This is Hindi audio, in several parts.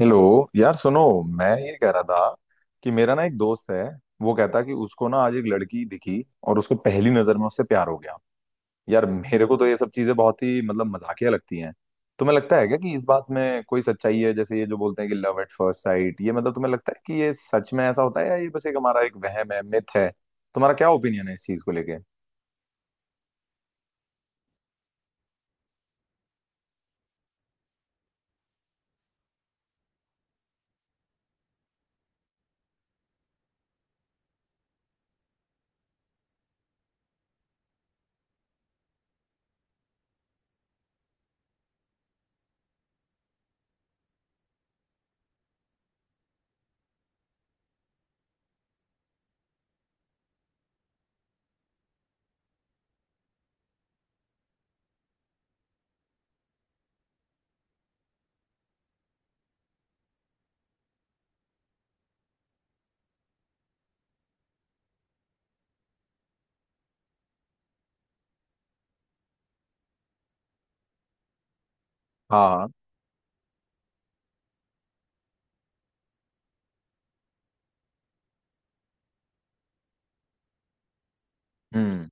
हेलो। यार सुनो, मैं ये कह रहा था कि मेरा ना एक दोस्त है। वो कहता कि उसको ना आज एक लड़की दिखी और उसको पहली नजर में उससे प्यार हो गया। यार मेरे को तो ये सब चीजें बहुत ही मतलब मजाकिया लगती हैं। तुम्हें लगता है क्या कि इस बात में कोई सच्चाई है? जैसे ये जो बोलते हैं कि लव एट फर्स्ट साइट, ये मतलब तुम्हें लगता है कि ये सच में ऐसा होता है या ये बस एक हमारा एक वहम है, मिथ है? तुम्हारा क्या ओपिनियन है इस चीज को लेके? हाँ हाँ। हम्म।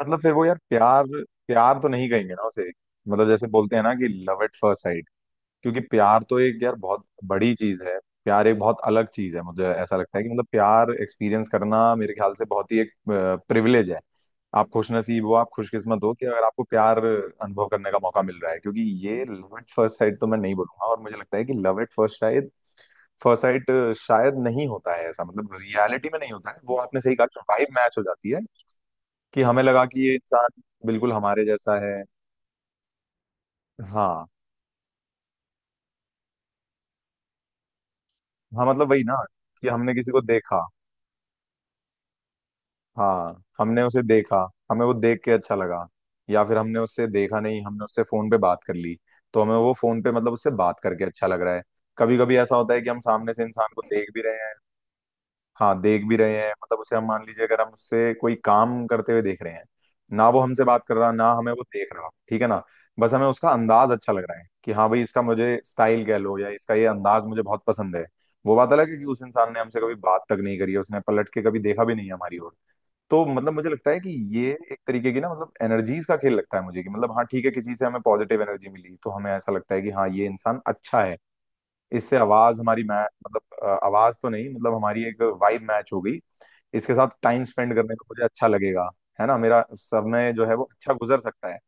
मतलब फिर वो यार प्यार, प्यार तो नहीं कहेंगे ना उसे। मतलब जैसे बोलते हैं ना कि लव एट फर्स्ट साइट, क्योंकि प्यार तो एक यार बहुत बड़ी चीज है। प्यार एक बहुत अलग चीज है। मुझे ऐसा लगता है कि मतलब प्यार एक्सपीरियंस करना मेरे ख्याल से बहुत ही एक प्रिविलेज है। आप खुशनसीब हो, आप खुशकिस्मत हो कि अगर आपको प्यार अनुभव करने का मौका मिल रहा है, क्योंकि ये लव एट फर्स्ट साइट तो मैं नहीं बोलूंगा। और मुझे लगता है कि लव एट फर्स्ट साइट शायद नहीं होता है ऐसा, मतलब रियलिटी में नहीं होता है। वो आपने सही कहा, वाइब मैच हो जाती है कि हमें लगा कि ये इंसान बिल्कुल हमारे जैसा है। हाँ हाँ, मतलब वही ना कि हमने किसी को देखा, हाँ हमने उसे देखा, हमें वो देख के अच्छा लगा। या फिर हमने उससे देखा नहीं, हमने उससे फोन पे बात कर ली, तो हमें वो फोन पे मतलब उससे बात करके अच्छा लग रहा है। कभी कभी ऐसा होता है कि हम सामने से इंसान को देख भी रहे हैं। हाँ देख भी रहे हैं, मतलब उसे हम मान लीजिए अगर हम उससे कोई काम करते हुए देख रहे हैं, ना वो हमसे बात कर रहा, ना हमें वो देख रहा, ठीक है ना, बस हमें उसका अंदाज अच्छा लग रहा है कि हाँ भाई इसका मुझे स्टाइल कह लो या इसका ये अंदाज मुझे बहुत पसंद है। वो बात अलग है कि उस इंसान ने हमसे कभी बात तक नहीं करी है, उसने पलट के कभी देखा भी नहीं है हमारी ओर। तो मतलब मुझे लगता है कि ये एक तरीके की ना मतलब एनर्जीज का खेल लगता है मुझे, कि मतलब हाँ ठीक है, किसी से हमें पॉजिटिव एनर्जी मिली तो हमें ऐसा लगता है कि हाँ ये इंसान अच्छा है, इससे आवाज हमारी मैच, मतलब आवाज तो नहीं, मतलब हमारी एक वाइब मैच हो गई, इसके साथ टाइम स्पेंड करने में मुझे अच्छा लगेगा, है ना, मेरा समय जो है वो अच्छा गुजर सकता है।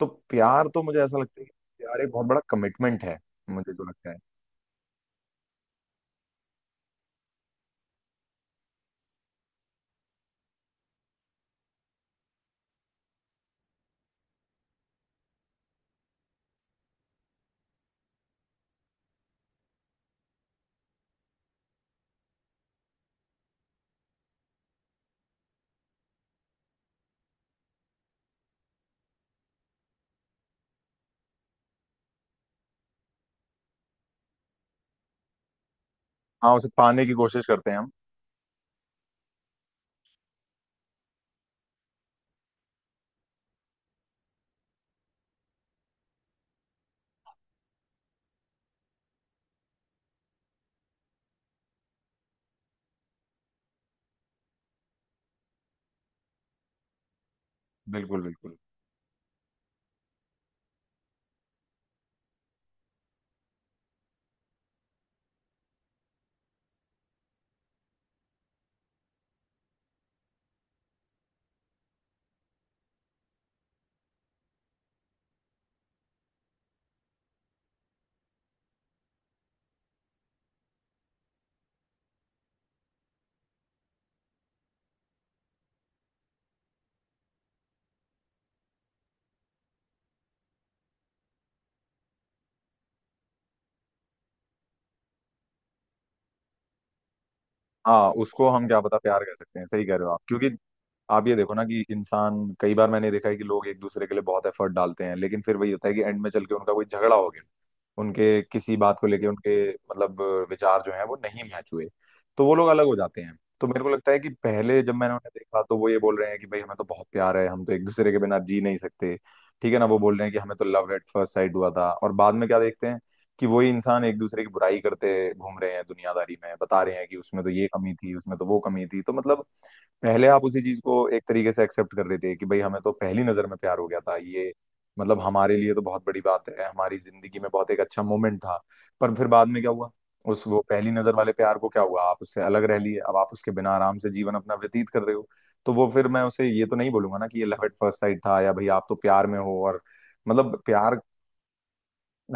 तो प्यार तो मुझे ऐसा लगता है कि प्यार एक बहुत बड़ा कमिटमेंट है। मुझे जो लगता है। हाँ उसे पाने की कोशिश करते हैं हम। बिल्कुल बिल्कुल। हाँ उसको हम क्या पता प्यार कर सकते हैं, सही कह रहे हो आप, क्योंकि आप ये देखो ना कि इंसान, कई बार मैंने देखा है कि लोग एक दूसरे के लिए बहुत एफर्ट डालते हैं, लेकिन फिर वही होता है कि एंड में चल के उनका कोई झगड़ा हो गया, उनके किसी बात को लेके, उनके मतलब विचार जो है वो नहीं मैच हुए, तो वो लोग अलग हो जाते हैं। तो मेरे को लगता है कि पहले जब मैंने उन्हें देखा तो वो ये बोल रहे हैं कि भाई हमें तो बहुत प्यार है, हम तो एक दूसरे के बिना जी नहीं सकते, ठीक है ना, वो बोल रहे हैं कि हमें तो लव एट फर्स्ट साइट हुआ था। और बाद में क्या देखते हैं कि वही इंसान एक दूसरे की बुराई करते घूम रहे हैं दुनियादारी में, बता रहे हैं कि उसमें तो ये कमी थी, उसमें तो वो कमी थी, तो मतलब पहले आप उसी चीज को एक तरीके से एक्सेप्ट कर रहे थे कि भाई हमें तो पहली नजर में प्यार हो गया था, ये मतलब हमारे लिए तो बहुत बड़ी बात है, हमारी जिंदगी में बहुत एक अच्छा मोमेंट था। पर फिर बाद में क्या हुआ, उस वो पहली नजर वाले प्यार को क्या हुआ? आप उससे अलग रह लिए, अब आप उसके बिना आराम से जीवन अपना व्यतीत कर रहे हो। तो वो फिर मैं उसे ये तो नहीं बोलूंगा ना कि ये लव एट फर्स्ट साइट था या भाई आप तो प्यार में हो। और मतलब प्यार,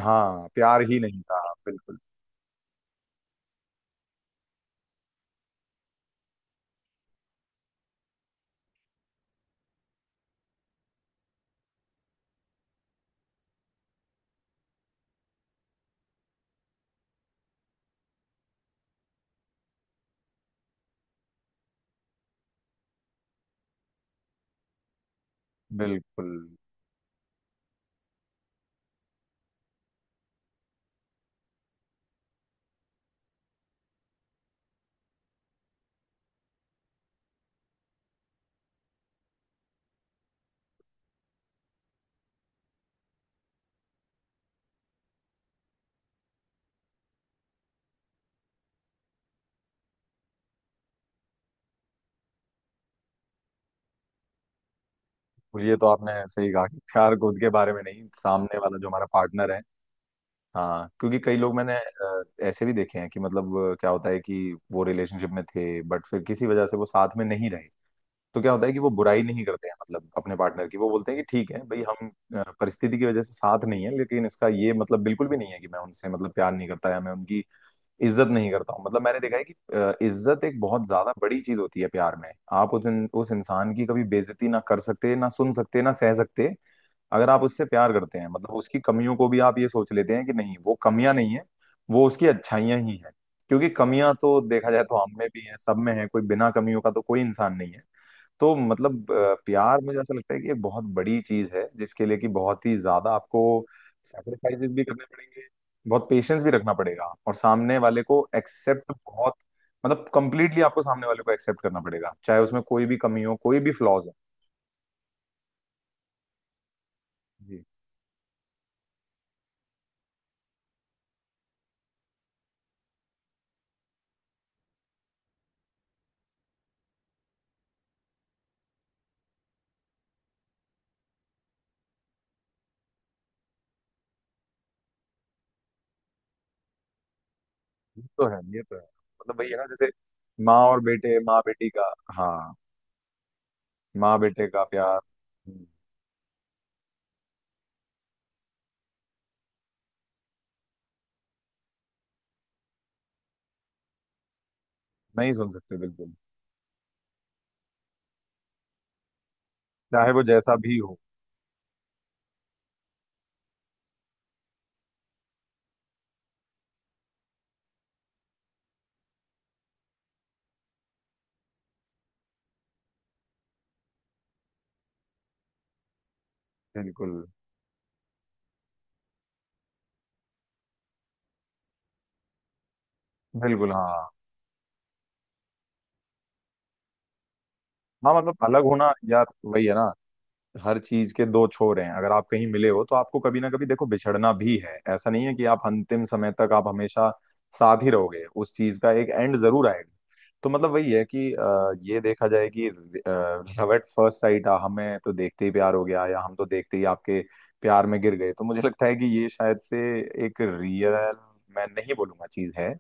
हाँ प्यार ही नहीं था, बिल्कुल बिल्कुल। ये तो आपने सही कहा कि प्यार खुद के बारे में नहीं, सामने वाला जो हमारा पार्टनर है। हाँ क्योंकि कई लोग मैंने ऐसे भी देखे हैं कि मतलब क्या होता है कि वो रिलेशनशिप में थे, बट फिर किसी वजह से वो साथ में नहीं रहे, तो क्या होता है कि वो बुराई नहीं करते हैं मतलब अपने पार्टनर की, वो बोलते हैं कि ठीक है भाई हम परिस्थिति की वजह से साथ नहीं है, लेकिन इसका ये मतलब बिल्कुल भी नहीं है कि मैं उनसे मतलब प्यार नहीं करता या मैं उनकी इज्जत नहीं करता हूँ। मतलब मैंने देखा है कि इज्जत एक बहुत ज्यादा बड़ी चीज होती है प्यार में। आप उस उस इंसान की कभी बेइज्जती ना कर सकते, ना सुन सकते, ना सह सकते अगर आप उससे प्यार करते हैं। मतलब उसकी कमियों को भी आप ये सोच लेते हैं कि नहीं वो कमियां नहीं है, वो उसकी अच्छाइयां ही है, क्योंकि कमियां तो देखा जाए तो हम में भी है, सब में है, कोई बिना कमियों का तो कोई इंसान नहीं है। तो मतलब प्यार मुझे ऐसा लगता है कि एक बहुत बड़ी चीज है जिसके लिए कि बहुत ही ज्यादा आपको सैक्रिफाइसेस भी करने पड़ेंगे, बहुत पेशेंस भी रखना पड़ेगा और सामने वाले को एक्सेप्ट बहुत, मतलब कंप्लीटली आपको सामने वाले को एक्सेप्ट करना पड़ेगा चाहे उसमें कोई भी कमी हो, कोई भी फ्लॉज हो। जी। ये तो है, ये तो है, मतलब वही है ना, जैसे माँ और बेटे, माँ बेटी का, हाँ माँ बेटे का प्यार। हम्म, नहीं सुन सकते बिल्कुल। चाहे वो जैसा भी हो। बिल्कुल बिल्कुल। हाँ हाँ, मतलब अलग होना यार वही है ना, हर चीज के दो छोर हैं, अगर आप कहीं मिले हो तो आपको कभी ना कभी देखो बिछड़ना भी है, ऐसा नहीं है कि आप अंतिम समय तक आप हमेशा साथ ही रहोगे, उस चीज का एक एंड जरूर आएगा। तो मतलब वही है कि ये देखा जाए कि लव एट फर्स्ट साइट, हमें तो देखते ही प्यार हो गया या हम तो देखते ही आपके प्यार में गिर गए, तो मुझे लगता है कि ये शायद से एक रियल, मैं नहीं बोलूंगा चीज है।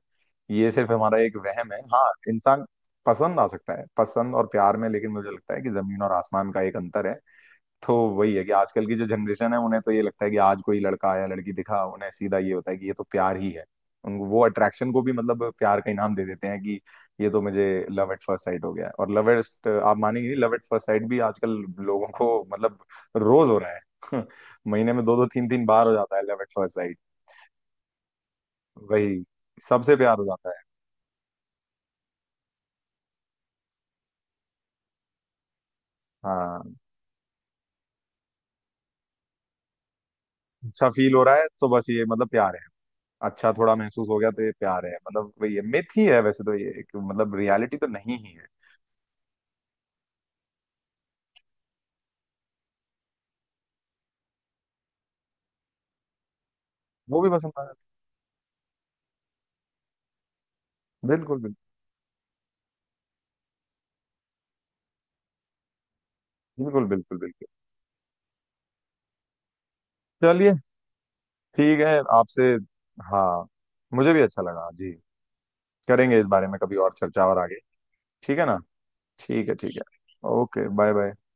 ये सिर्फ हमारा एक वहम है। हाँ इंसान पसंद आ सकता है, पसंद और प्यार में लेकिन मुझे लगता है कि जमीन और आसमान का एक अंतर है। तो वही है कि आजकल की जो जनरेशन है उन्हें तो ये लगता है कि आज कोई लड़का या लड़की दिखा, उन्हें सीधा ये होता है कि ये तो प्यार ही है। उनको वो अट्रैक्शन को भी मतलब प्यार का इनाम दे देते हैं कि ये तो मुझे लव एट फर्स्ट साइट हो गया है। और लव एट, आप मानेंगे नहीं, लव एट फर्स्ट साइट भी आजकल लोगों को मतलब रोज हो रहा है महीने में दो दो तीन तीन बार हो जाता है लव एट फर्स्ट साइट। वही सबसे प्यार हो जाता है। हाँ अच्छा फील हो रहा है तो बस ये मतलब प्यार है। अच्छा थोड़ा महसूस हो गया तो ये प्यार है, मतलब वही है, मिथ ही है, वैसे तो ये मतलब रियलिटी तो नहीं ही है। वो भी पसंद आ जाता। बिल्कुल बिल्कुल बिल्कुल। बिल्कुल बिल्कुल। चलिए ठीक है आपसे। हाँ मुझे भी अच्छा लगा जी। करेंगे इस बारे में कभी और चर्चा और आगे। ठीक है ना, ठीक है ठीक है। Okay bye bye.